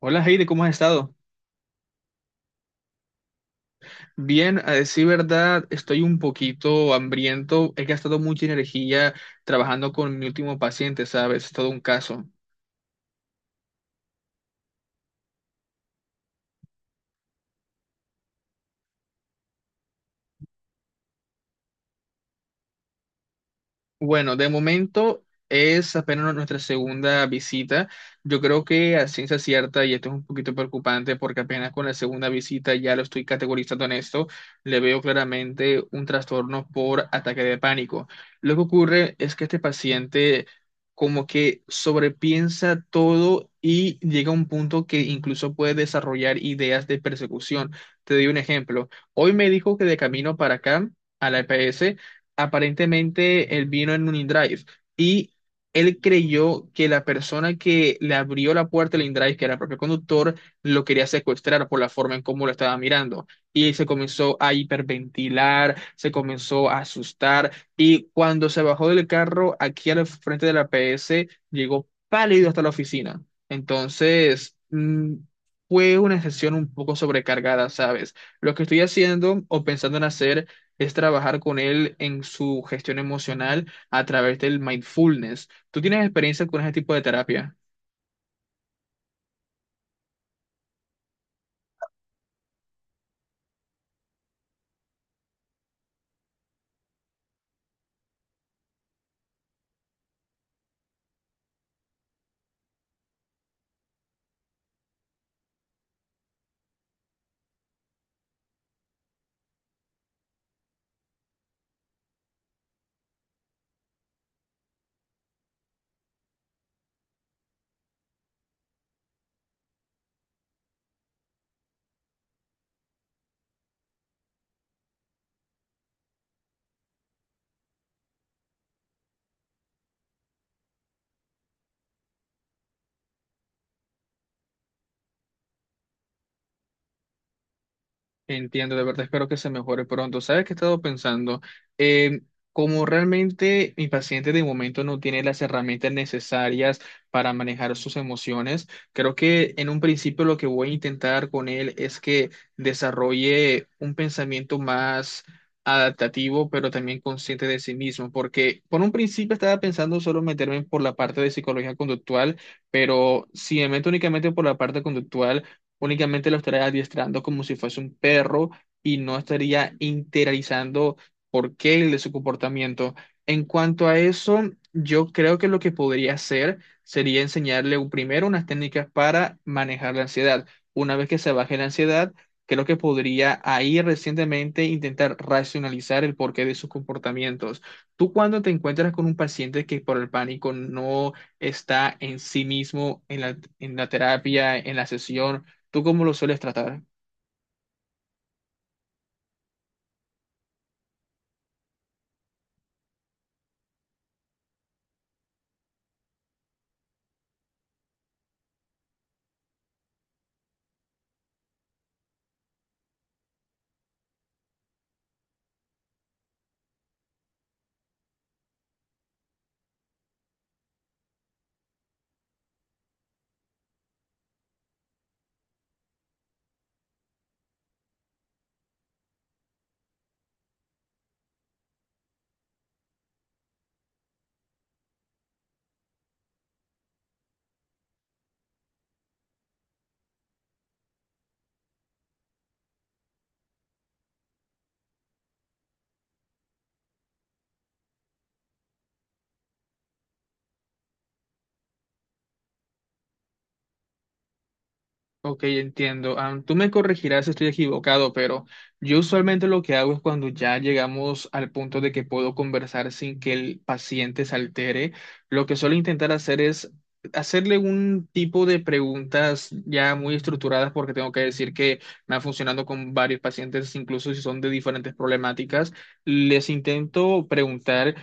Hola Heidi, ¿cómo has estado? Bien, a decir verdad, estoy un poquito hambriento. He gastado mucha energía trabajando con mi último paciente, ¿sabes? Es todo un caso. Bueno, de momento es apenas nuestra segunda visita. Yo creo que a ciencia cierta, y esto es un poquito preocupante porque apenas con la segunda visita ya lo estoy categorizando en esto, le veo claramente un trastorno por ataque de pánico. Lo que ocurre es que este paciente como que sobrepiensa todo y llega a un punto que incluso puede desarrollar ideas de persecución. Te doy un ejemplo. Hoy me dijo que de camino para acá, a la EPS, aparentemente él vino en un InDrive y él creyó que la persona que le abrió la puerta del InDrive, que era el propio conductor, lo quería secuestrar por la forma en cómo lo estaba mirando. Y se comenzó a hiperventilar, se comenzó a asustar y cuando se bajó del carro aquí al frente de la PS, llegó pálido hasta la oficina. Entonces... mm, Fue una sesión un poco sobrecargada, ¿sabes? Lo que estoy haciendo o pensando en hacer es trabajar con él en su gestión emocional a través del mindfulness. ¿Tú tienes experiencia con ese tipo de terapia? Entiendo, de verdad espero que se mejore pronto. ¿Sabes qué he estado pensando? Eh, Como realmente mi paciente de momento no tiene las herramientas necesarias para manejar sus emociones, creo que en un principio lo que voy a intentar con él es que desarrolle un pensamiento más adaptativo, pero también consciente de sí mismo, porque por un principio estaba pensando solo meterme por la parte de psicología conductual, pero si me meto únicamente por la parte conductual, únicamente lo estaría adiestrando como si fuese un perro y no estaría interiorizando por qué de su comportamiento. En cuanto a eso, yo creo que lo que podría hacer sería enseñarle primero unas técnicas para manejar la ansiedad. Una vez que se baje la ansiedad, creo que podría ahí recientemente intentar racionalizar el porqué de sus comportamientos. Tú cuando te encuentras con un paciente que por el pánico no está en sí mismo en en la terapia, en la sesión, ¿tú cómo lo sueles tratar? Ok, entiendo. Tú me corregirás si estoy equivocado, pero yo usualmente lo que hago es cuando ya llegamos al punto de que puedo conversar sin que el paciente se altere, lo que suelo intentar hacer es hacerle un tipo de preguntas ya muy estructuradas, porque tengo que decir que me ha funcionado con varios pacientes, incluso si son de diferentes problemáticas. Les intento preguntar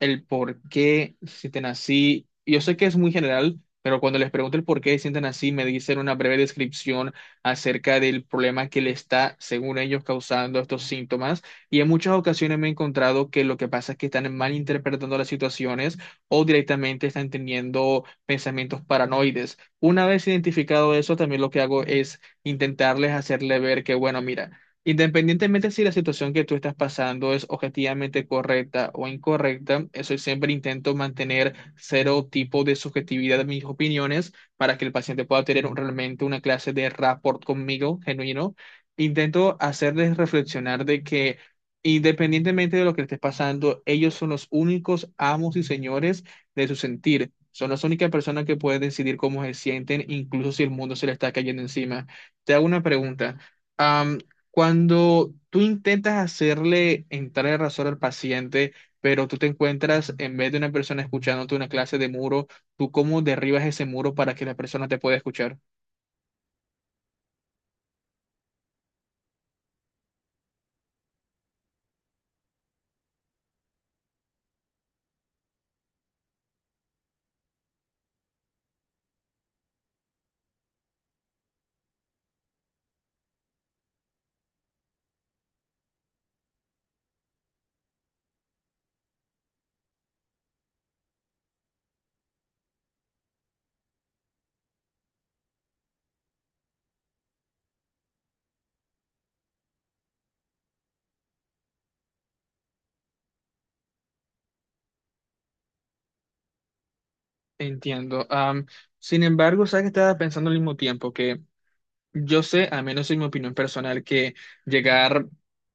el por qué sienten así. Yo sé que es muy general, pero cuando les pregunto el por qué se sienten así, me dicen una breve descripción acerca del problema que le está, según ellos, causando estos síntomas. Y en muchas ocasiones me he encontrado que lo que pasa es que están malinterpretando las situaciones o directamente están teniendo pensamientos paranoides. Una vez identificado eso, también lo que hago es intentarles hacerle ver que, bueno, mira, independientemente si la situación que tú estás pasando es objetivamente correcta o incorrecta, eso siempre intento mantener cero tipo de subjetividad en mis opiniones para que el paciente pueda tener realmente una clase de rapport conmigo genuino. Intento hacerles reflexionar de que independientemente de lo que estés pasando, ellos son los únicos amos y señores de su sentir. Son las únicas personas que pueden decidir cómo se sienten, incluso si el mundo se le está cayendo encima. Te hago una pregunta. Cuando tú intentas hacerle entrar en razón al paciente, pero tú te encuentras en vez de una persona escuchándote una clase de muro, ¿tú cómo derribas ese muro para que la persona te pueda escuchar? Entiendo. Sin embargo, sabes que estaba pensando al mismo tiempo que yo sé, al menos en mi opinión personal, que llegar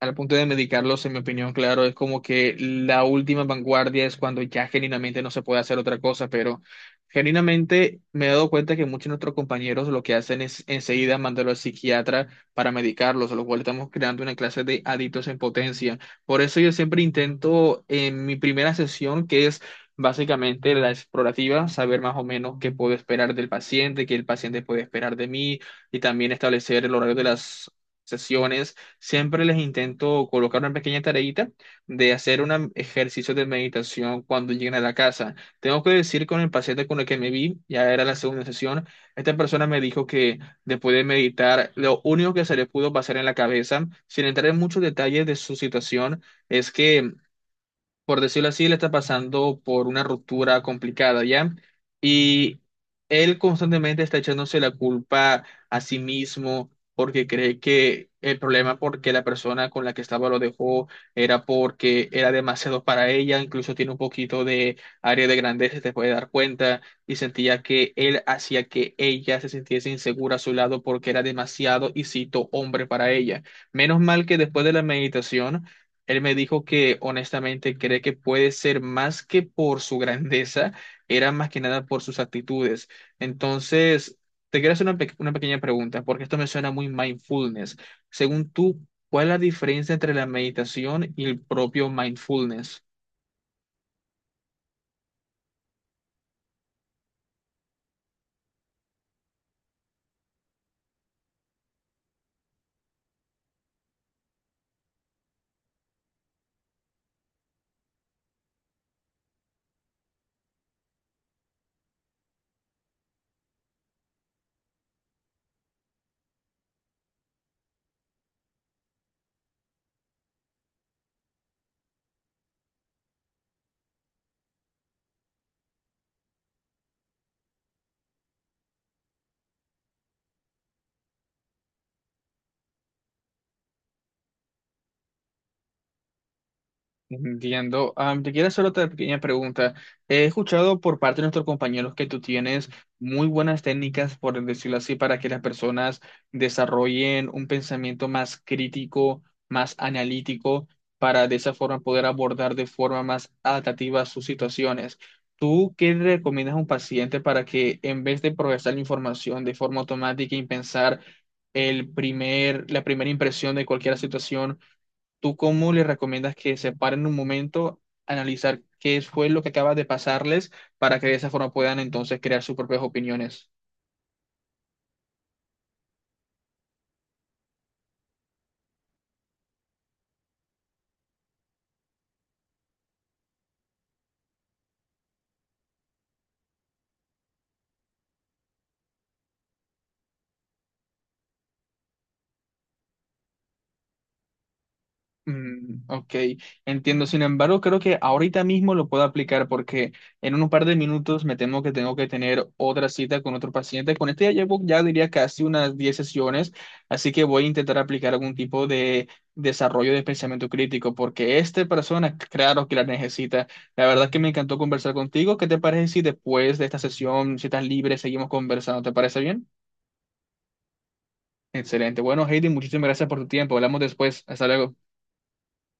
al punto de medicarlos, en mi opinión, claro, es como que la última vanguardia es cuando ya genuinamente no se puede hacer otra cosa, pero genuinamente me he dado cuenta que muchos de nuestros compañeros lo que hacen es enseguida mandarlo al psiquiatra para medicarlos, lo cual estamos creando una clase de adictos en potencia. Por eso yo siempre intento en mi primera sesión, que es... básicamente la explorativa, saber más o menos qué puedo esperar del paciente, qué el paciente puede esperar de mí, y también establecer el horario de las sesiones. Siempre les intento colocar una pequeña tareita de hacer un ejercicio de meditación cuando lleguen a la casa. Tengo que decir con el paciente con el que me vi, ya era la segunda sesión, esta persona me dijo que después de meditar, lo único que se le pudo pasar en la cabeza, sin entrar en muchos detalles de su situación, es que, por decirlo así, le está pasando por una ruptura complicada, ¿ya? Y él constantemente está echándose la culpa a sí mismo porque cree que el problema porque la persona con la que estaba lo dejó era porque era demasiado para ella, incluso tiene un poquito de área de grandeza, te puede dar cuenta, y sentía que él hacía que ella se sintiese insegura a su lado porque era demasiado, y cito, hombre para ella. Menos mal que después de la meditación, él me dijo que honestamente cree que puede ser más que por su grandeza, era más que nada por sus actitudes. Entonces, te quiero hacer una pequeña pregunta, porque esto me suena muy mindfulness. Según tú, ¿cuál es la diferencia entre la meditación y el propio mindfulness? Entiendo. Ah, te quiero hacer otra pequeña pregunta. He escuchado por parte de nuestros compañeros que tú tienes muy buenas técnicas, por decirlo así, para que las personas desarrollen un pensamiento más crítico, más analítico, para de esa forma poder abordar de forma más adaptativa sus situaciones. ¿Tú qué le recomiendas a un paciente para que en vez de procesar la información de forma automática y pensar la primera impresión de cualquier situación, tú cómo les recomiendas que se paren un momento, analizar qué fue lo que acaba de pasarles para que de esa forma puedan entonces crear sus propias opiniones? Mm, ok, entiendo. Sin embargo, creo que ahorita mismo lo puedo aplicar porque en un par de minutos me temo que tengo que tener otra cita con otro paciente. Con este ya llevo, ya diría, casi unas 10 sesiones, así que voy a intentar aplicar algún tipo de desarrollo de pensamiento crítico porque esta persona, claro que la necesita. La verdad que me encantó conversar contigo. ¿Qué te parece si después de esta sesión, si estás libre, seguimos conversando? ¿Te parece bien? Excelente. Bueno, Heidi, muchísimas gracias por tu tiempo. Hablamos después. Hasta luego.